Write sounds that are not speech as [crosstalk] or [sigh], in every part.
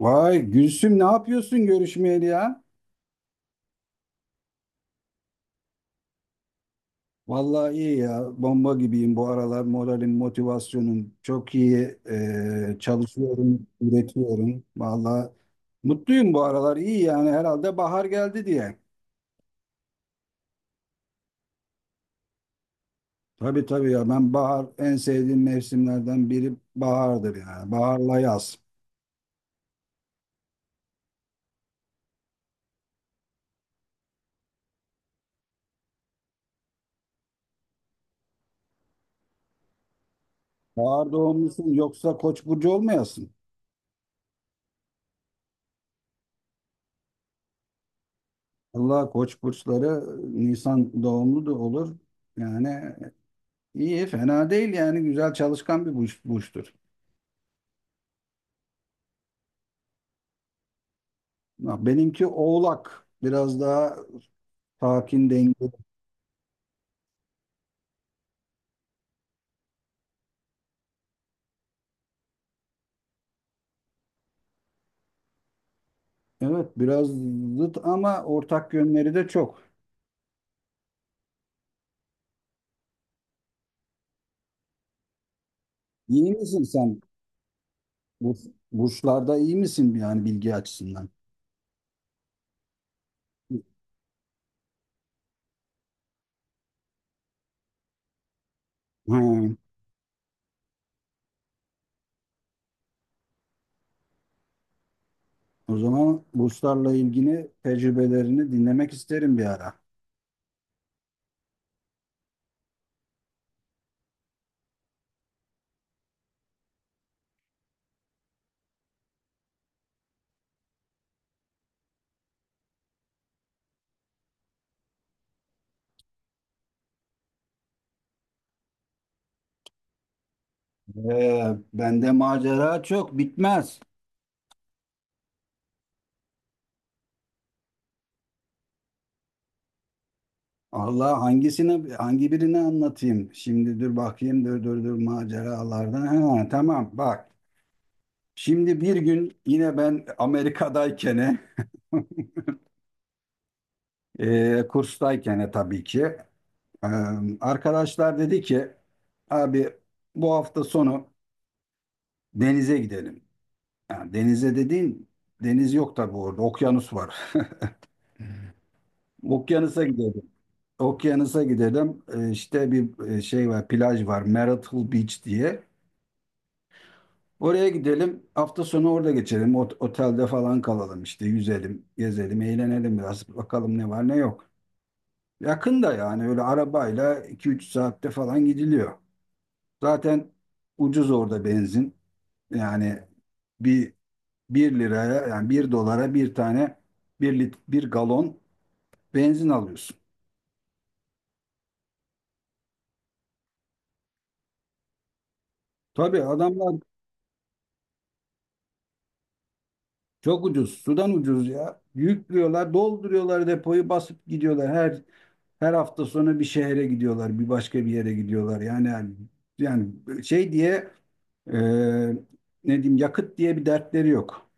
Vay Gülsüm ne yapıyorsun görüşmeyeli ya? Vallahi iyi ya. Bomba gibiyim bu aralar. Moralim, motivasyonum çok iyi. Çalışıyorum, üretiyorum. Vallahi mutluyum bu aralar. İyi yani herhalde bahar geldi diye. Tabii tabii ya, ben bahar, en sevdiğim mevsimlerden biri bahardır yani. Baharla yaz. Bahar doğumlusun yoksa Koç burcu olmayasın. Allah, Koç burçları Nisan doğumlu da olur. Yani, İyi, fena değil yani güzel çalışkan bir burç, burçtur. Ha, benimki Oğlak. Biraz daha sakin, dengeli. Evet, biraz zıt ama ortak yönleri de çok. İyi misin sen? Bur Burçlarda iyi misin yani bilgi açısından? Ha, o zaman burçlarla ilgili tecrübelerini dinlemek isterim bir ara. Bende macera çok bitmez. Allah, hangisini hangi birini anlatayım? Şimdi dur bakayım, dur dur dur maceralardan. Ha, tamam bak. Şimdi bir gün yine ben Amerika'dayken, [laughs] kurstayken tabii ki, e, arkadaşlar dedi ki, abi bu hafta sonu denize gidelim. Yani denize dediğin, deniz yok tabii, orada okyanus var. [laughs] Okyanusa gidelim. Okyanusa gidelim. İşte bir şey var, plaj var Marital Beach diye. Oraya gidelim. Hafta sonu orada geçelim. Otelde falan kalalım işte. Yüzelim, gezelim, eğlenelim biraz. Bakalım ne var ne yok. Yakın da yani, öyle arabayla 2-3 saatte falan gidiliyor. Zaten ucuz orada benzin. Yani bir bir liraya yani bir dolara bir tane bir galon benzin alıyorsun. Tabii adamlar çok ucuz. Sudan ucuz ya. Yüklüyorlar, dolduruyorlar depoyu, basıp gidiyorlar. Her hafta sonu bir şehre gidiyorlar, bir başka bir yere gidiyorlar. Yani şey diye, e, ne diyeyim, yakıt diye bir dertleri yok.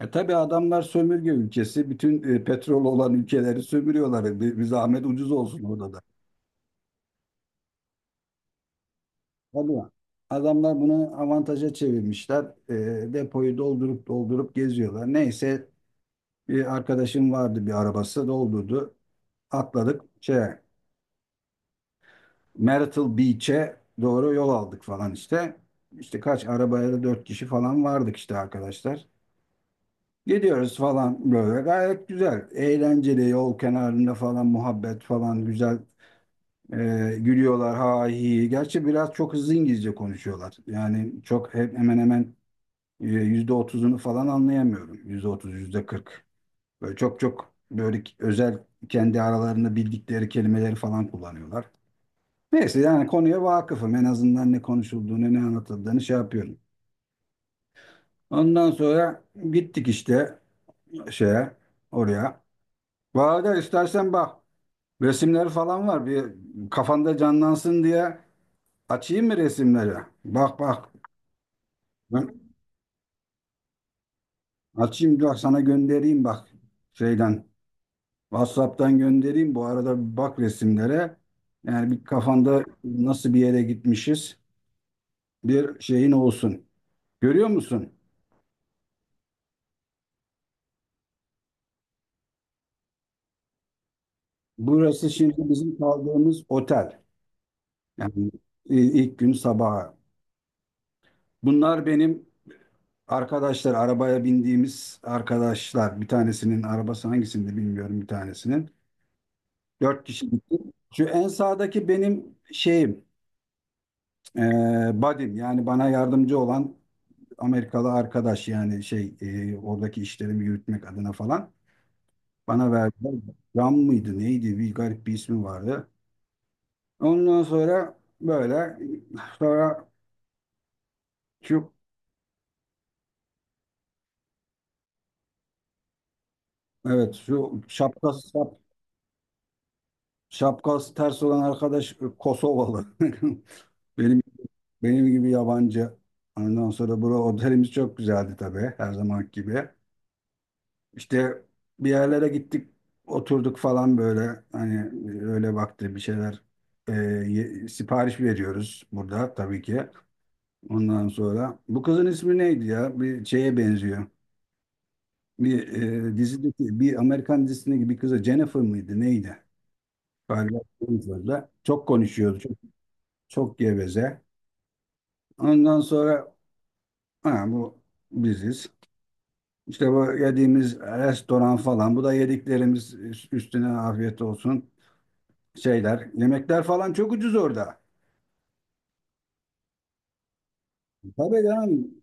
Tabii adamlar sömürge ülkesi. Bütün petrol olan ülkeleri sömürüyorlar. Bir zahmet ucuz olsun orada da. Tabii. Adamlar bunu avantaja çevirmişler. Depoyu doldurup doldurup geziyorlar. Neyse, bir arkadaşım vardı, bir arabası doldurdu. Atladık, Myrtle Beach'e doğru yol aldık falan işte. İşte kaç arabayla dört kişi falan vardık işte, arkadaşlar. Gidiyoruz falan böyle gayet güzel. Eğlenceli yol kenarında falan, muhabbet falan güzel. Gülüyorlar ha hi. Gerçi biraz çok hızlı İngilizce konuşuyorlar. Yani çok hep, hemen hemen %30'unu falan anlayamıyorum. %30, %40. Böyle çok çok, böyle özel, kendi aralarında bildikleri kelimeleri falan kullanıyorlar. Neyse, yani konuya vakıfım. En azından ne konuşulduğunu, ne anlatıldığını şey yapıyorum. Ondan sonra gittik işte şeye, oraya. Valla istersen bak, resimleri falan var. Bir kafanda canlansın diye açayım mı resimleri? Bak bak. Ben açayım, bak sana göndereyim, bak şeyden. WhatsApp'tan göndereyim. Bu arada bir bak resimlere. Yani bir kafanda nasıl bir yere gitmişiz, bir şeyin olsun. Görüyor musun? Burası şimdi bizim kaldığımız otel. Yani ilk gün sabaha. Bunlar benim arkadaşlar, arabaya bindiğimiz arkadaşlar. Bir tanesinin arabası, hangisinde bilmiyorum, bir tanesinin. Dört kişi gittik. Şu en sağdaki benim şeyim, e, buddy'm. Yani bana yardımcı olan Amerikalı arkadaş. Yani şey, oradaki işlerimi yürütmek adına falan. Bana verdiler. Ram mıydı, neydi? Bir garip bir ismi vardı. Ondan sonra böyle, sonra. Şu Evet, şu şapkası ters olan arkadaş Kosovalı. [laughs] Benim benim gibi yabancı. Ondan sonra bura otelimiz çok güzeldi tabii, her zaman gibi. İşte bir yerlere gittik, oturduk falan böyle. Hani öyle vakti, bir şeyler e, sipariş veriyoruz burada tabii ki. Ondan sonra bu kızın ismi neydi ya? Bir şeye benziyor. Bir e, dizideki bir Amerikan dizisindeki bir kıza, Jennifer mıydı neydi? Galiba en fazla. Çok konuşuyoruz. Çok, çok geveze. Ondan sonra, ha, bu biziz. İşte bu yediğimiz restoran falan. Bu da yediklerimiz, üstüne afiyet olsun şeyler. Yemekler falan çok ucuz orada. Tabii canım.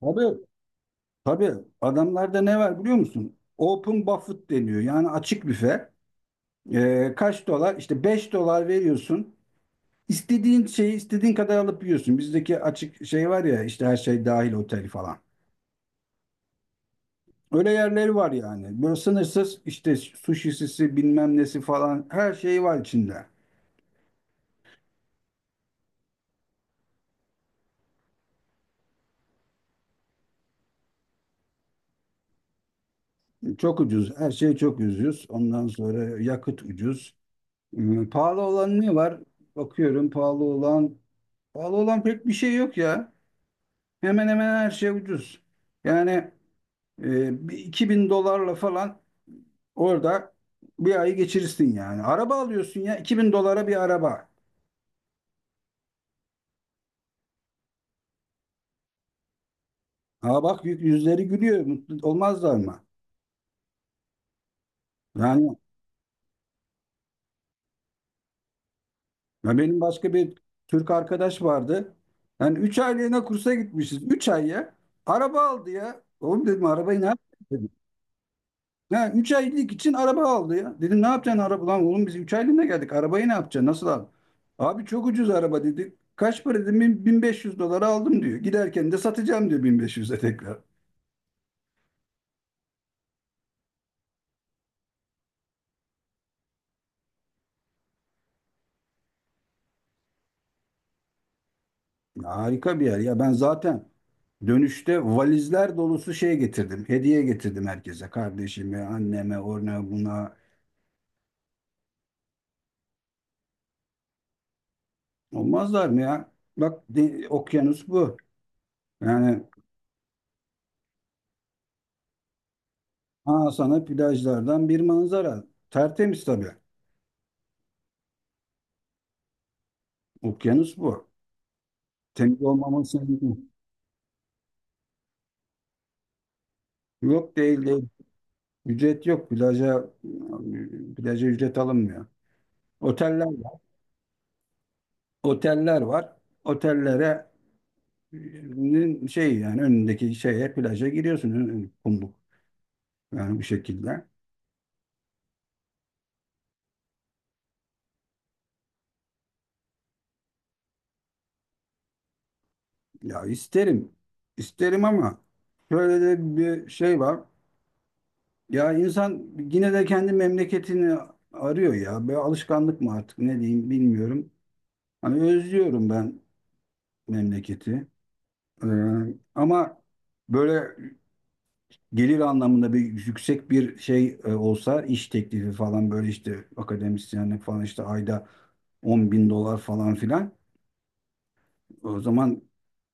Tabii. Tabii. Adamlarda ne var biliyor musun? Open buffet deniyor. Yani açık büfe. Kaç dolar? İşte 5 dolar veriyorsun. İstediğin şeyi istediğin kadar alıp yiyorsun. Bizdeki açık şey var ya işte, her şey dahil otel falan. Öyle yerleri var yani. Böyle sınırsız, işte suşisisi bilmem nesi falan, her şey var içinde. Çok ucuz. Her şey çok ucuz. Ondan sonra yakıt ucuz. Pahalı olan ne var? Bakıyorum pahalı olan. Pahalı olan pek bir şey yok ya. Hemen hemen her şey ucuz. Yani bir 2000 dolarla falan orada bir ayı geçirirsin yani. Araba alıyorsun ya, 2000 dolara bir araba. Ha bak, yüzleri gülüyor. Mutlu olmazlar mı? Yani, ya benim başka bir Türk arkadaş vardı. Yani 3 aylığına kursa gitmişiz. 3 ay ya. Araba aldı ya. Oğlum, dedim, arabayı ne yapacaksın dedim. Ha, 3 aylık için araba aldı ya. Dedim, ne yapacaksın araba lan oğlum, biz 3 aylığına geldik. Arabayı ne yapacaksın? Nasıl al? Abi çok ucuz araba dedi. Kaç para dedim? 1500 dolara aldım diyor. Giderken de satacağım diyor, 1500'e tekrar. Harika bir yer ya. Ben zaten dönüşte valizler dolusu şey getirdim. Hediye getirdim herkese. Kardeşime, anneme, ona, buna. Olmazlar mı ya? Bak, okyanus bu. Yani ha, sana plajlardan bir manzara. Tertemiz tabii. Okyanus bu. Temiz olmaması mümkün. Yok, değil, değil. Ücret yok. Plaja ücret alınmıyor. Oteller var. Oteller var. Otellere şey, yani önündeki şeye, plaja giriyorsun. Kumluk. Yani bu şekilde. Ya isterim. İsterim ama şöyle de bir şey var. Ya insan yine de kendi memleketini arıyor ya. Böyle alışkanlık mı artık, ne diyeyim bilmiyorum. Hani özlüyorum ben memleketi. Ee, Ama böyle gelir anlamında, bir yüksek bir şey olsa, iş teklifi falan, böyle işte akademisyenlik falan, işte ayda 10.000 dolar falan filan, o zaman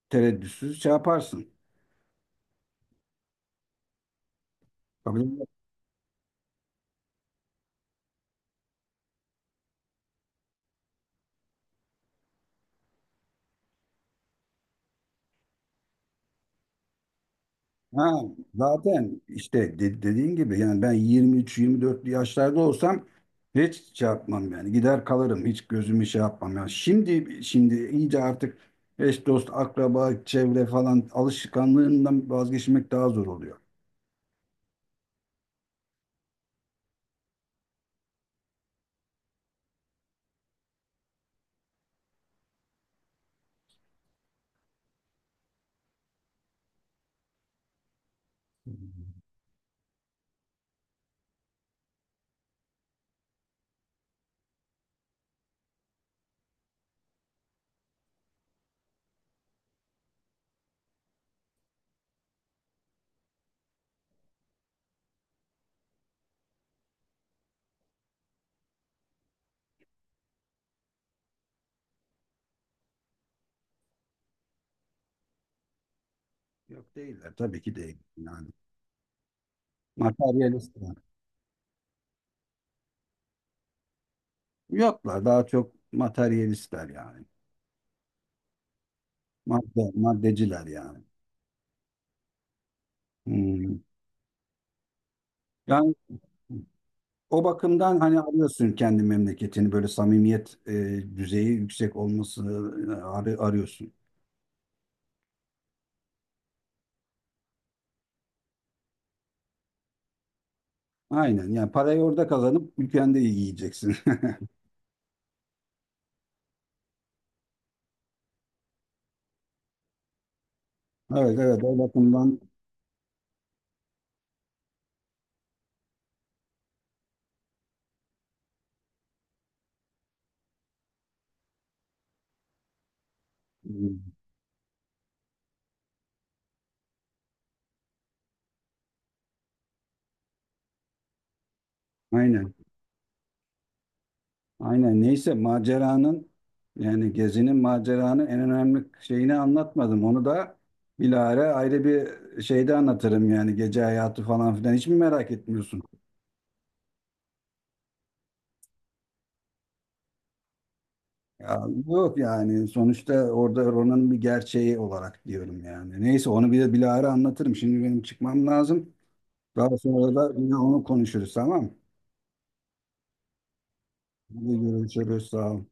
tereddütsüz şey yaparsın. Kabul Ha, zaten işte dediğin gibi yani ben 23-24'lü yaşlarda olsam, hiç şey yapmam yani, gider kalırım, hiç gözümü şey yapmam yani, şimdi şimdi iyice artık, eş dost akraba çevre falan alışkanlığından vazgeçmek daha zor oluyor. Yok, değiller tabii ki, değil yani, materyalistler. Yoklar, daha çok materyalistler yani, maddeciler yani. Hmm. Yani, o bakımdan hani arıyorsun kendi memleketini, böyle samimiyet düzeyi yüksek olması, e, arıyorsun. Aynen yani, parayı orada kazanıp ülkende yiyeceksin. [laughs] Evet, evet, o bakımdan, e, aynen aynen, neyse maceranın, yani gezinin maceranın en önemli şeyini anlatmadım. Onu da bilahare, ayrı bir şeyde anlatırım yani, gece hayatı falan filan hiç mi merak etmiyorsun? Ya yok yani, sonuçta orada Ronan'ın bir gerçeği olarak diyorum yani. Neyse, onu bir de bilahare anlatırım. Şimdi benim çıkmam lazım. Daha sonra da yine onu konuşuruz, tamam mı? Hadi görüşürüz, sağ ol.